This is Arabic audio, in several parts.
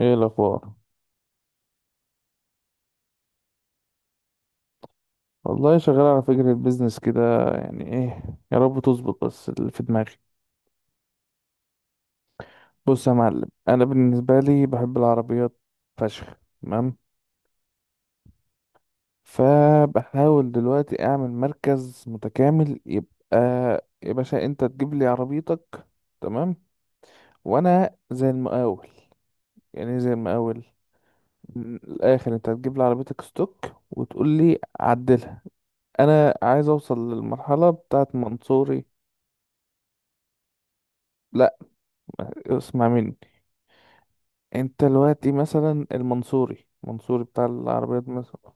ايه الاخبار؟ والله شغال على فكرة بيزنس كده. يعني ايه، يا رب تظبط بس اللي في دماغي. بص يا معلم، انا بالنسبة لي بحب العربيات فشخ. تمام، فبحاول دلوقتي اعمل مركز متكامل، يبقى يا باشا انت تجيب لي عربيتك، تمام، وانا زي المقاول. يعني إيه زي المقاول؟ من الاخر انت هتجيب لي عربيتك ستوك وتقول لي عدلها. انا عايز اوصل للمرحلة بتاعت منصوري. لا، اسمع مني. انت دلوقتي مثلا المنصوري بتاع العربيات مثلا.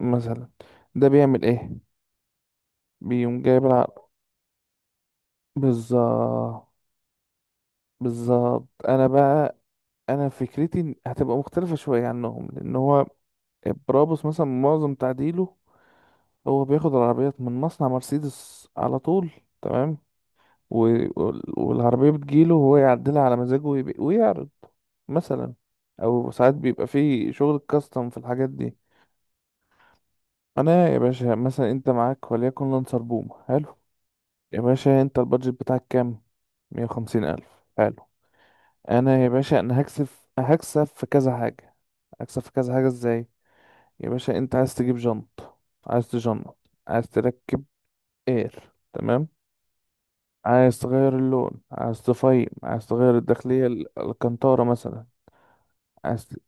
مثلا ده بيعمل ايه؟ بيقوم جايب العربية. بالظبط، بالظبط. انا بقى، انا فكرتي هتبقى مختلفة شوية عنهم، لان هو برابوس مثلا معظم تعديله هو بياخد العربيات من مصنع مرسيدس على طول. تمام، و... والعربية بتجيله وهو يعدلها على مزاجه ويعرض مثلا، او ساعات بيبقى فيه شغل كاستم في الحاجات دي. انا يا باشا، مثلا انت معاك وليكن لانسر بوم حلو، يا باشا انت البادجت بتاعك كام؟ مية وخمسين الف. حلو. انا يا باشا انا هكسب، هكسب في كذا حاجة. هكسب في كذا حاجة ازاي؟ يا باشا انت عايز تجيب جنط، عايز تجنط، عايز تركب اير، تمام، عايز تغير اللون، عايز تفايم، عايز تغير الداخلية الكنتارة مثلا. عايز ت-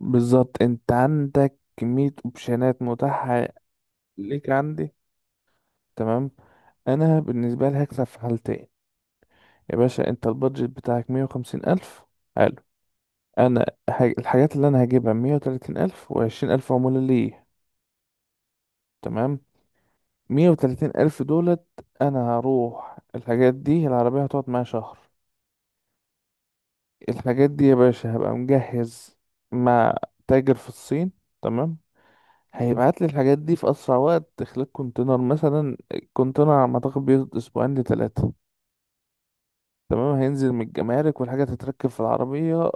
بالظبط، انت عندك كمية اوبشنات متاحة. ليك عندي. تمام. انا بالنسبه لي هكسب في حالتين. يا باشا انت البادجت بتاعك مية وخمسين ألف. حلو. الحاجات اللي انا هجيبها مية وتلاتين ألف، وعشرين ألف عمولة ليه. تمام. مية وتلاتين ألف دولت. انا هروح الحاجات دي، العربية هتقعد معايا شهر. الحاجات دي يا باشا هبقى مجهز مع تاجر في الصين، تمام، هيبعت لي الحاجات دي في اسرع وقت خلال كونتينر. مثلا الكونتينر على ما اعتقد بياخد اسبوعين لتلاتة، تمام، هينزل من الجمارك والحاجة تتركب في العربية.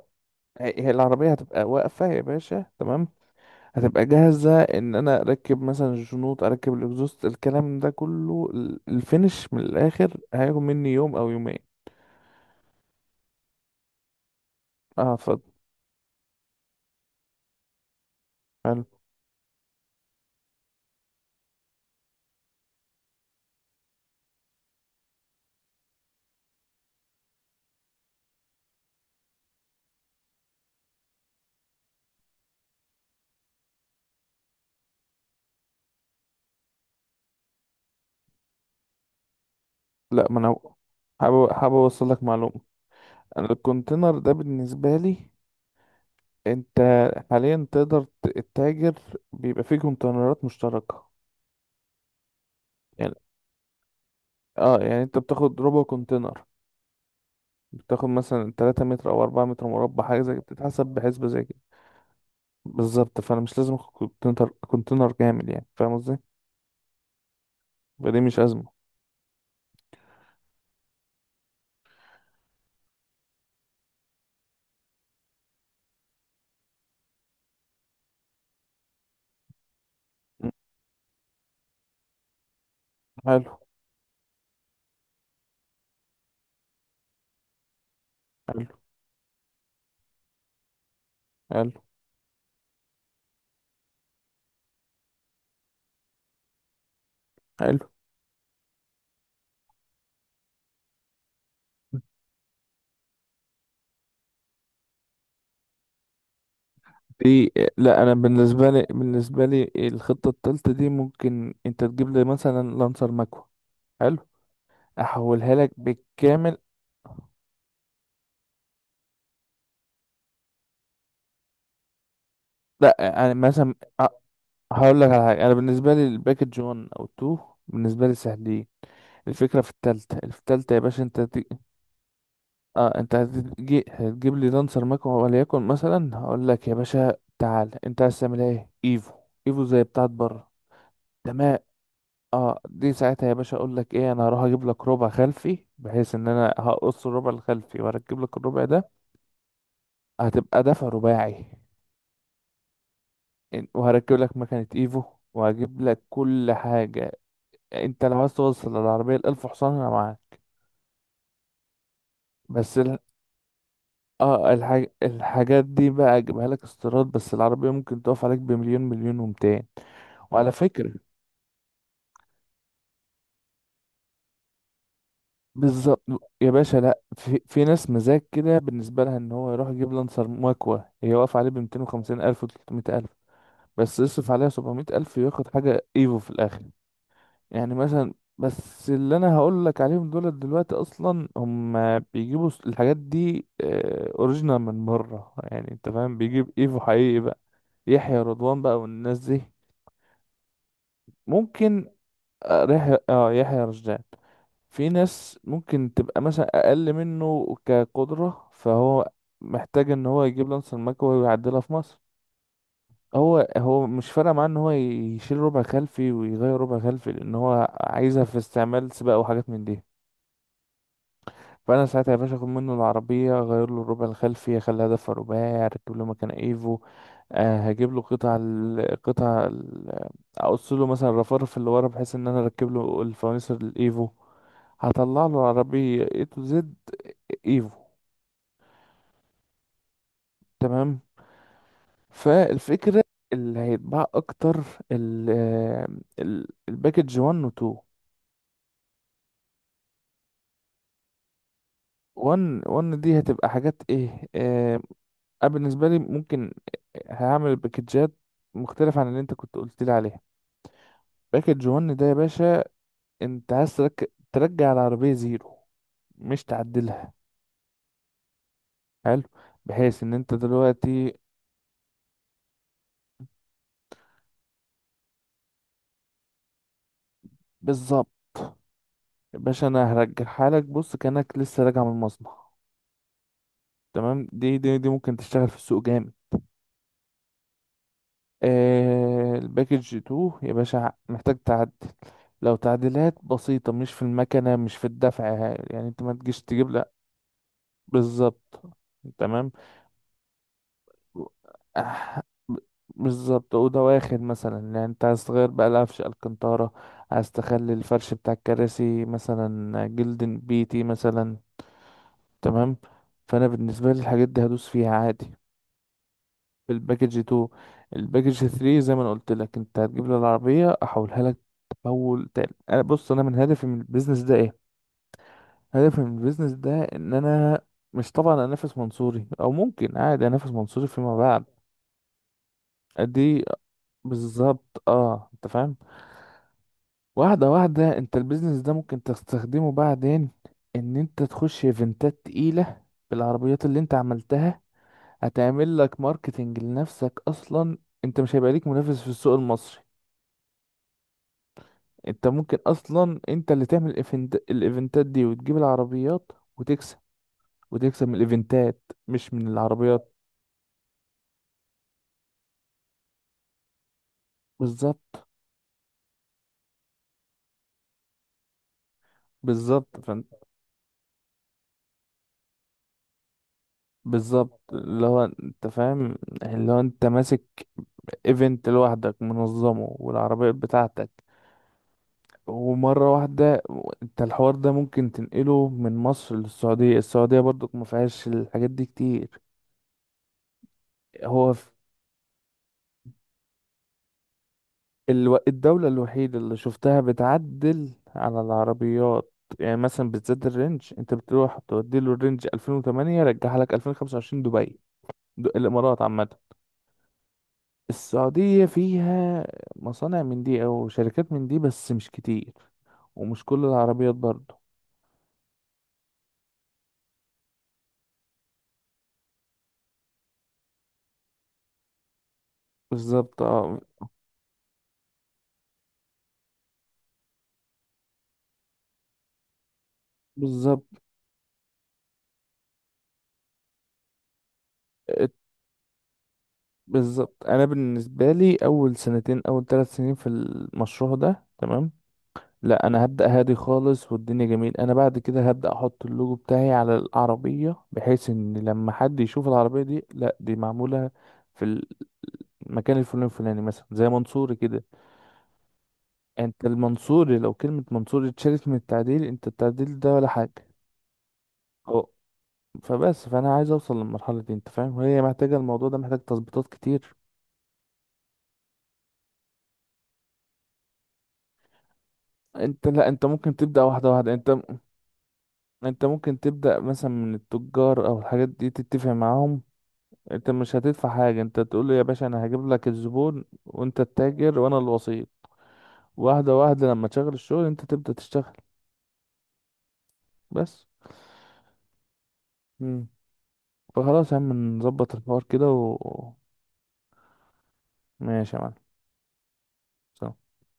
هي العربية هتبقى واقفة يا باشا، تمام، هتبقى جاهزة ان انا اركب مثلا الشنوط، اركب الاكزوست، الكلام ده كله الفينش من الاخر هياخد مني يوم او يومين. اه، اتفضل. حلو. لا، ما انا حابب اوصل لك معلومة. انا الكونتينر ده بالنسبة لي، انت حاليا تقدر تتاجر. بيبقى فيه كونتينرات مشتركة. يعني، اه، يعني انت بتاخد ربع كونتينر. بتاخد مثلا 3 متر او 4 متر مربع، حاجة زي كده، بتتحسب بحسبة زي كده. بالظبط، فانا مش لازم اخد كونتينر كامل، يعني فاهم قصدي. فدي مش أزمة. مم. حلو حلو حلو حلو دي. لا، أنا بالنسبة لي الخطة التالتة دي ممكن أنت تجيب لي مثلا لانسر ماكو. حلو، أحولها لك بالكامل. لا، أنا مثلا، أ- هقول لك على حاجة. أنا بالنسبة لي الباكج 1 أو 2 بالنسبة لي سهلين. الفكرة في التالتة، في التالتة يا باشا انت هتي... اه انت هتجيب لي لانسر ماكو وليكن، مثلا هقول لك يا باشا تعال، انت عايز تعمل ايه؟ ايفو. ايفو زي بتاعت بره. تمام. اه، دي ساعتها يا باشا اقول لك ايه، انا هروح اجيب لك ربع خلفي، بحيث ان انا هقص الربع الخلفي واركب لك الربع ده. هتبقى دفع رباعي. وهركب لك مكنة ايفو، وهجيب لك كل حاجة. انت لو عايز توصل للعربية الالف حصان، انا معاك. بس ال... اه الحاج... الحاجات دي بقى اجيبها لك استيراد، بس العربية ممكن تقف عليك بمليون، مليون ومتين. وعلى فكرة، بالظبط. يا باشا، لا، في ناس مزاج كده، بالنسبة لها ان هو يروح يجيب لانسر مكوة هي واقف عليه ب 250 ألف و 300 ألف، بس يصرف عليها 700 ألف وياخد حاجة ايفو في الآخر. يعني مثلا، بس اللي انا هقول لك عليهم دول دلوقتي اصلا هم بيجيبوا الحاجات دي اوريجينال من بره، يعني انت فاهم، بيجيب ايفو حقيقي بقى. يحيى رضوان بقى والناس دي. ممكن، يحيى رشدان. في ناس ممكن تبقى مثلا اقل منه كقدرة، فهو محتاج ان هو يجيب لانس المكوى ويعدلها في مصر. هو مش فارق معاه ان هو يشيل ربع خلفي ويغير ربع خلفي، لان هو عايزها في استعمال سباق وحاجات من دي. فانا ساعتها يا باشا اخد منه العربيه، اغير له الربع الخلفي، اخليها دفع رباعي، اركب له مكان ايفو. أه، هجيب له اقص له مثلا الرفرف اللي ورا، بحيث ان انا اركب له الفوانيس الايفو. هطلع له عربية اي تو زد ايفو. تمام. فالفكرة اللي هيتباع اكتر ال آه، الباكج 1 و 2. 1 دي هتبقى حاجات ايه، انا بالنسبة لي ممكن هعمل باكجات مختلفة عن اللي انت كنت قلت لي عليها. باكج 1 ده يا باشا، انت ترجع العربية زيرو، مش تعدلها. حلو، بحيث ان انت دلوقتي بالظبط. يا باشا، انا هرجعها لك بص كأنك لسه راجع من المصنع. تمام، دي ممكن تشتغل في السوق جامد. آه، الباكج 2 يا باشا محتاج تعدل، لو تعديلات بسيطة مش في المكنة، مش في الدفع، يعني انت ما تجيش تجيب، لا. بالظبط، تمام. آه، ب- بالظبط، أوضة واخد مثلا، يعني انت عايز تغير بقى القفش الكنتارة، عايز تخلي الفرش بتاع الكراسي مثلا جلد بيتي مثلا. تمام. فأنا بالنسبة لي الحاجات دي هدوس فيها عادي في الباكج 2. الباكج 3 زي ما انا قلت لك، انت هتجيب لي العربيه احولها لك تحول تاني. انا بص، انا من هدفي من البيزنس ده ايه؟ هدفي من البيزنس ده ان انا مش طبعا انافس منصوري، او ممكن عادي انافس منصوري فيما بعد دي. بالظبط، اه، انت فاهم. واحده واحده، انت البيزنس ده ممكن تستخدمه بعدين، ان انت تخش ايفنتات تقيله بالعربيات اللي انت عملتها. هتعمل لك ماركتنج لنفسك اصلا، انت مش هيبقى ليك منافس في السوق المصري. انت ممكن اصلا انت اللي تعمل الايفنت، الايفنتات دي، وتجيب العربيات وتكسب، وتكسب من الايفنتات مش من العربيات. بالظبط، بالظبط، فانت بالظبط، اللي هو انت فاهم، اللي هو انت ماسك ايفنت لوحدك منظمه والعربيات بتاعتك، ومرة واحدة. انت الحوار ده ممكن تنقله من مصر للسعودية، السعودية برضو ما فيهاش الحاجات دي كتير. هو الدولة الوحيدة اللي شفتها بتعدل على العربيات. يعني مثلا بالذات الرينج، انت بتروح تودي له الرينج 2008 رجعها لك 2025 دبي. الامارات عامة. السعودية فيها مصانع من دي او شركات من دي، بس مش كتير، ومش كل العربيات برضه. بالظبط، اه، بالظبط. ات- بالظبط، انا بالنسبة لي اول سنتين، اول ثلاث سنين في المشروع ده تمام، لا انا هبدأ هادي خالص. والدنيا جميل، انا بعد كده هبدأ احط اللوجو بتاعي على العربية، بحيث ان لما حد يشوف العربية دي، لا دي معمولة في المكان الفلاني الفلاني مثلا، زي منصوري كده. انت المنصوري لو كلمة منصوري اتشالت من التعديل، انت التعديل ده ولا حاجة. اهو. فبس، فانا عايز اوصل للمرحلة دي انت فاهم، وهي محتاجة، الموضوع ده محتاج تظبيطات كتير. انت لا انت ممكن تبدأ واحدة واحدة. انت ممكن تبدأ مثلا من التجار او الحاجات دي تتفق معاهم، انت مش هتدفع حاجة. انت تقول له يا باشا انا هجيب لك الزبون، وانت التاجر وانا الوسيط. واحدة واحدة لما تشغل الشغل انت تبدأ تشتغل. بس. مم. فخلاص يا عم نظبط الحوار كده و... ماشي يا معلم.